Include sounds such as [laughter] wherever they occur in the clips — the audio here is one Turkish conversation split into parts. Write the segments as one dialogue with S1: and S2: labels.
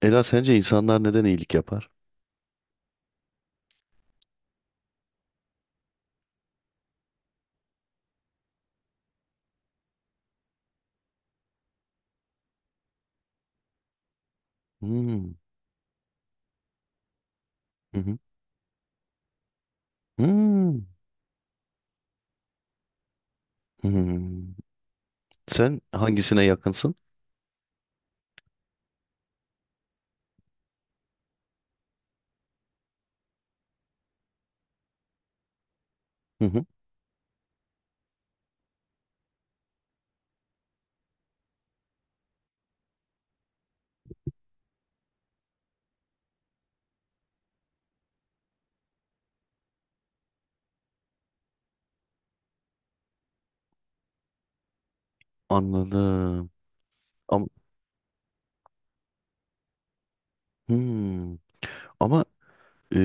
S1: Ela sence insanlar neden iyilik yapar? Hmm, hı hı, hmm, hmm. Sen hangisine yakınsın? Hı hı, anladım. Ama, hmm. Ama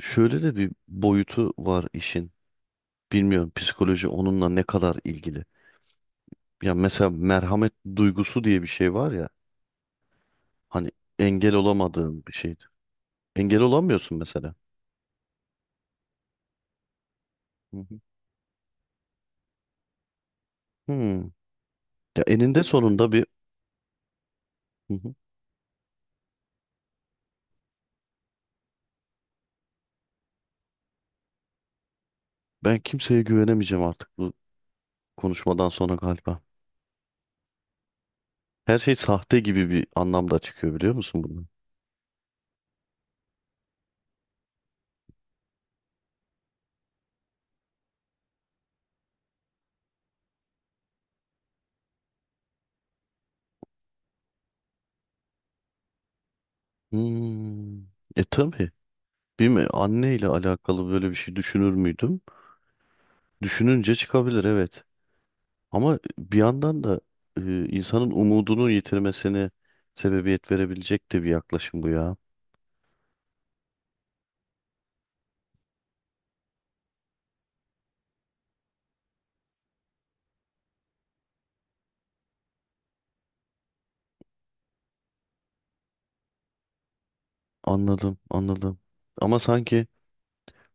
S1: şöyle de bir boyutu var işin. Bilmiyorum psikoloji onunla ne kadar ilgili. Ya mesela merhamet duygusu diye bir şey var ya. Hani engel olamadığın bir şeydir. Engel olamıyorsun mesela. Hı hı. Hmm. Ya eninde sonunda bir hı hı. Ben kimseye güvenemeyeceğim artık bu konuşmadan sonra galiba. Her şey sahte gibi bir anlamda çıkıyor biliyor musun bunu? Hmm. E tabii. Bilmiyorum anne ile alakalı böyle bir şey düşünür müydüm? Düşününce çıkabilir evet. Ama bir yandan da insanın umudunu yitirmesine sebebiyet verebilecek de bir yaklaşım bu ya. Anladım, anladım. Ama sanki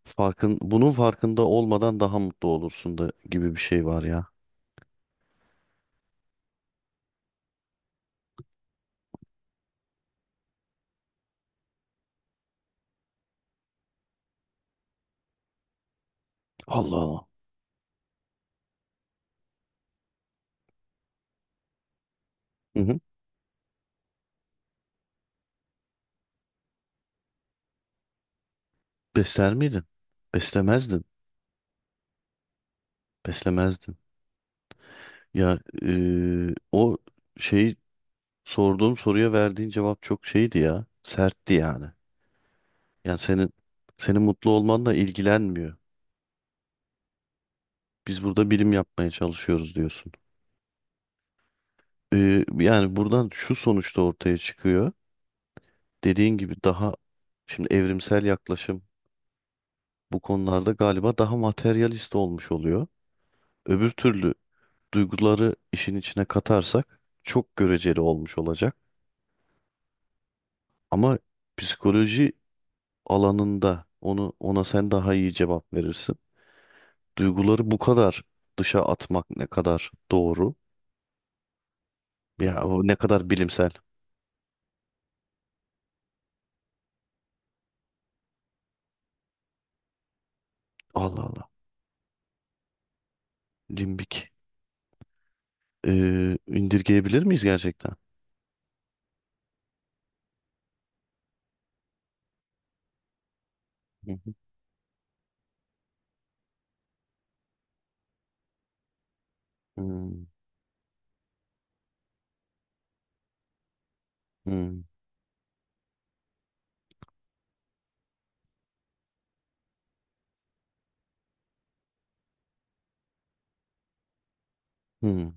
S1: farkın bunun farkında olmadan daha mutlu olursun da gibi bir şey var ya. Allah Allah. Hı hı. Besler miydin? Beslemezdim. Beslemezdim. Ya o şey sorduğum soruya verdiğin cevap çok şeydi ya. Sertti yani. Yani senin mutlu olmanla ilgilenmiyor. Biz burada bilim yapmaya çalışıyoruz diyorsun. Yani buradan şu sonuçta ortaya çıkıyor. Dediğin gibi daha şimdi evrimsel yaklaşım bu konularda galiba daha materyalist olmuş oluyor. Öbür türlü duyguları işin içine katarsak çok göreceli olmuş olacak. Ama psikoloji alanında onu ona sen daha iyi cevap verirsin. Duyguları bu kadar dışa atmak ne kadar doğru? Ya o ne kadar bilimsel. Allah Allah. Limbik. İndirgeyebilir miyiz gerçekten? Hı hı. Hmm, hmm, hmm,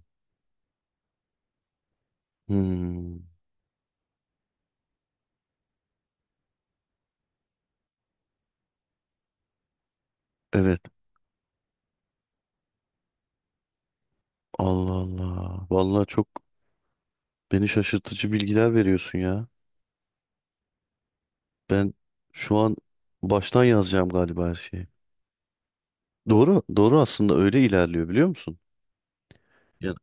S1: hmm. Evet. Allah Allah. Vallahi çok beni şaşırtıcı bilgiler veriyorsun ya. Ben şu an baştan yazacağım galiba her şeyi. Doğru, doğru aslında öyle ilerliyor biliyor musun? Ya.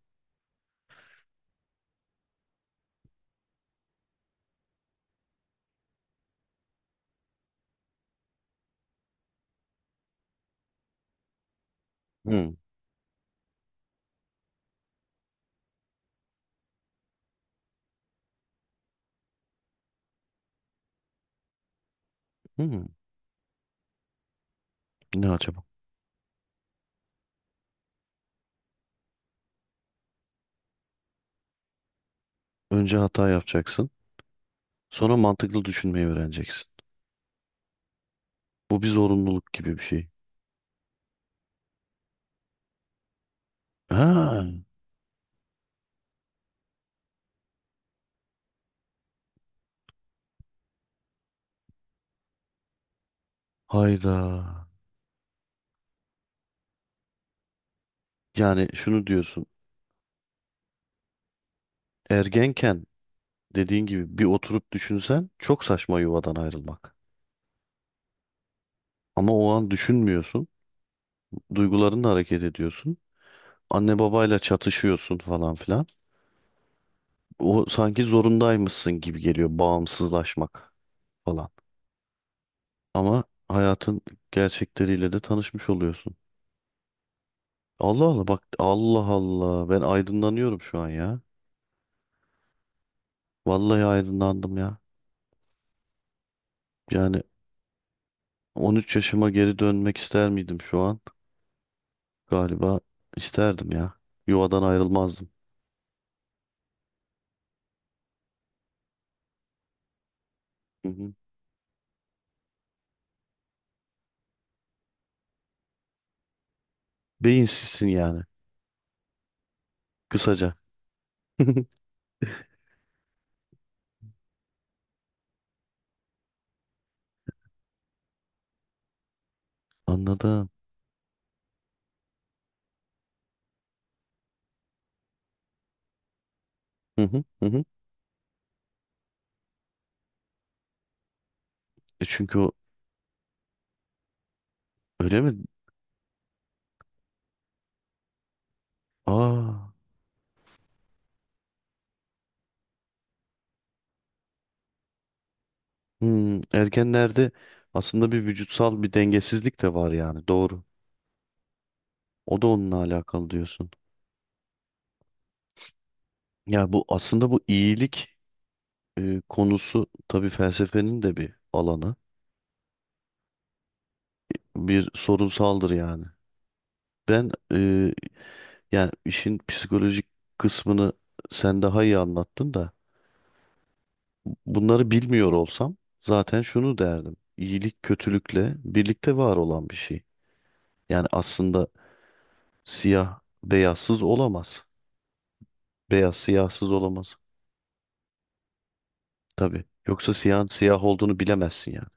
S1: Hı, hı. Ne acaba? Önce hata yapacaksın. Sonra mantıklı düşünmeyi öğreneceksin. Bu bir zorunluluk gibi bir şey. Ha, hayda. Yani şunu diyorsun. Ergenken dediğin gibi bir oturup düşünsen çok saçma yuvadan ayrılmak. Ama o an düşünmüyorsun. Duygularınla hareket ediyorsun. Anne babayla çatışıyorsun falan filan. O sanki zorundaymışsın gibi geliyor bağımsızlaşmak falan. Ama hayatın gerçekleriyle de tanışmış oluyorsun. Allah Allah bak Allah Allah ben aydınlanıyorum şu an ya. Vallahi aydınlandım ya. Yani 13 yaşıma geri dönmek ister miydim şu an? Galiba isterdim ya. Yuvadan ayrılmazdım. Hı hı. Beyinsizsin yani kısaca. [laughs] Anladım. Hı hı hı, hı. E çünkü o öyle mi? Aa. Hmm, ergenlerde aslında bir vücutsal bir dengesizlik de var yani doğru. O da onunla alakalı diyorsun. Ya bu aslında bu iyilik konusu tabii felsefenin de bir alanı. Bir sorunsaldır yani. Ben yani işin psikolojik kısmını sen daha iyi anlattın da bunları bilmiyor olsam zaten şunu derdim. İyilik kötülükle birlikte var olan bir şey. Yani aslında siyah beyazsız olamaz. Beyaz siyahsız olamaz. Tabii. Yoksa siyah siyah olduğunu bilemezsin yani.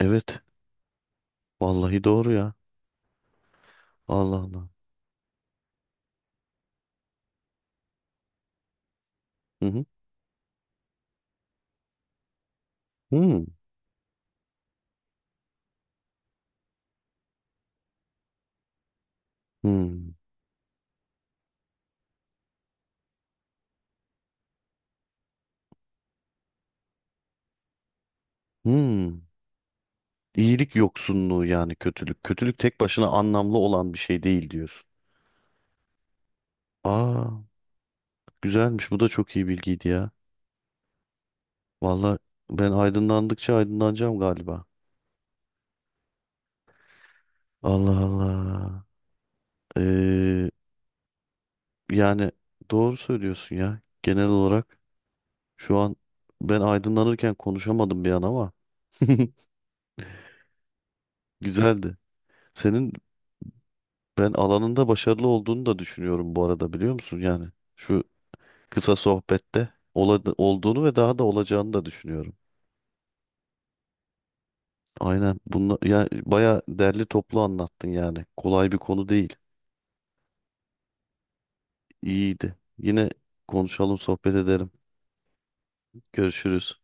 S1: Evet. Vallahi doğru ya. Allah Allah. Hı hı. Hmm. Hmm. Hmm. İyilik yoksunluğu yani kötülük. Kötülük tek başına anlamlı olan bir şey değil diyorsun. Aa, güzelmiş. Bu da çok iyi bilgiydi ya. Vallahi ben aydınlandıkça aydınlanacağım galiba. Allah Allah. Ee, yani doğru söylüyorsun ya. Genel olarak şu an ben aydınlanırken konuşamadım bir an ama [laughs] güzeldi. Senin ben alanında başarılı olduğunu da düşünüyorum bu arada biliyor musun? Yani şu kısa sohbette olduğunu ve daha da olacağını da düşünüyorum. Aynen bunu ya baya derli toplu anlattın yani. Kolay bir konu değil. İyiydi. Yine konuşalım, sohbet edelim. Görüşürüz.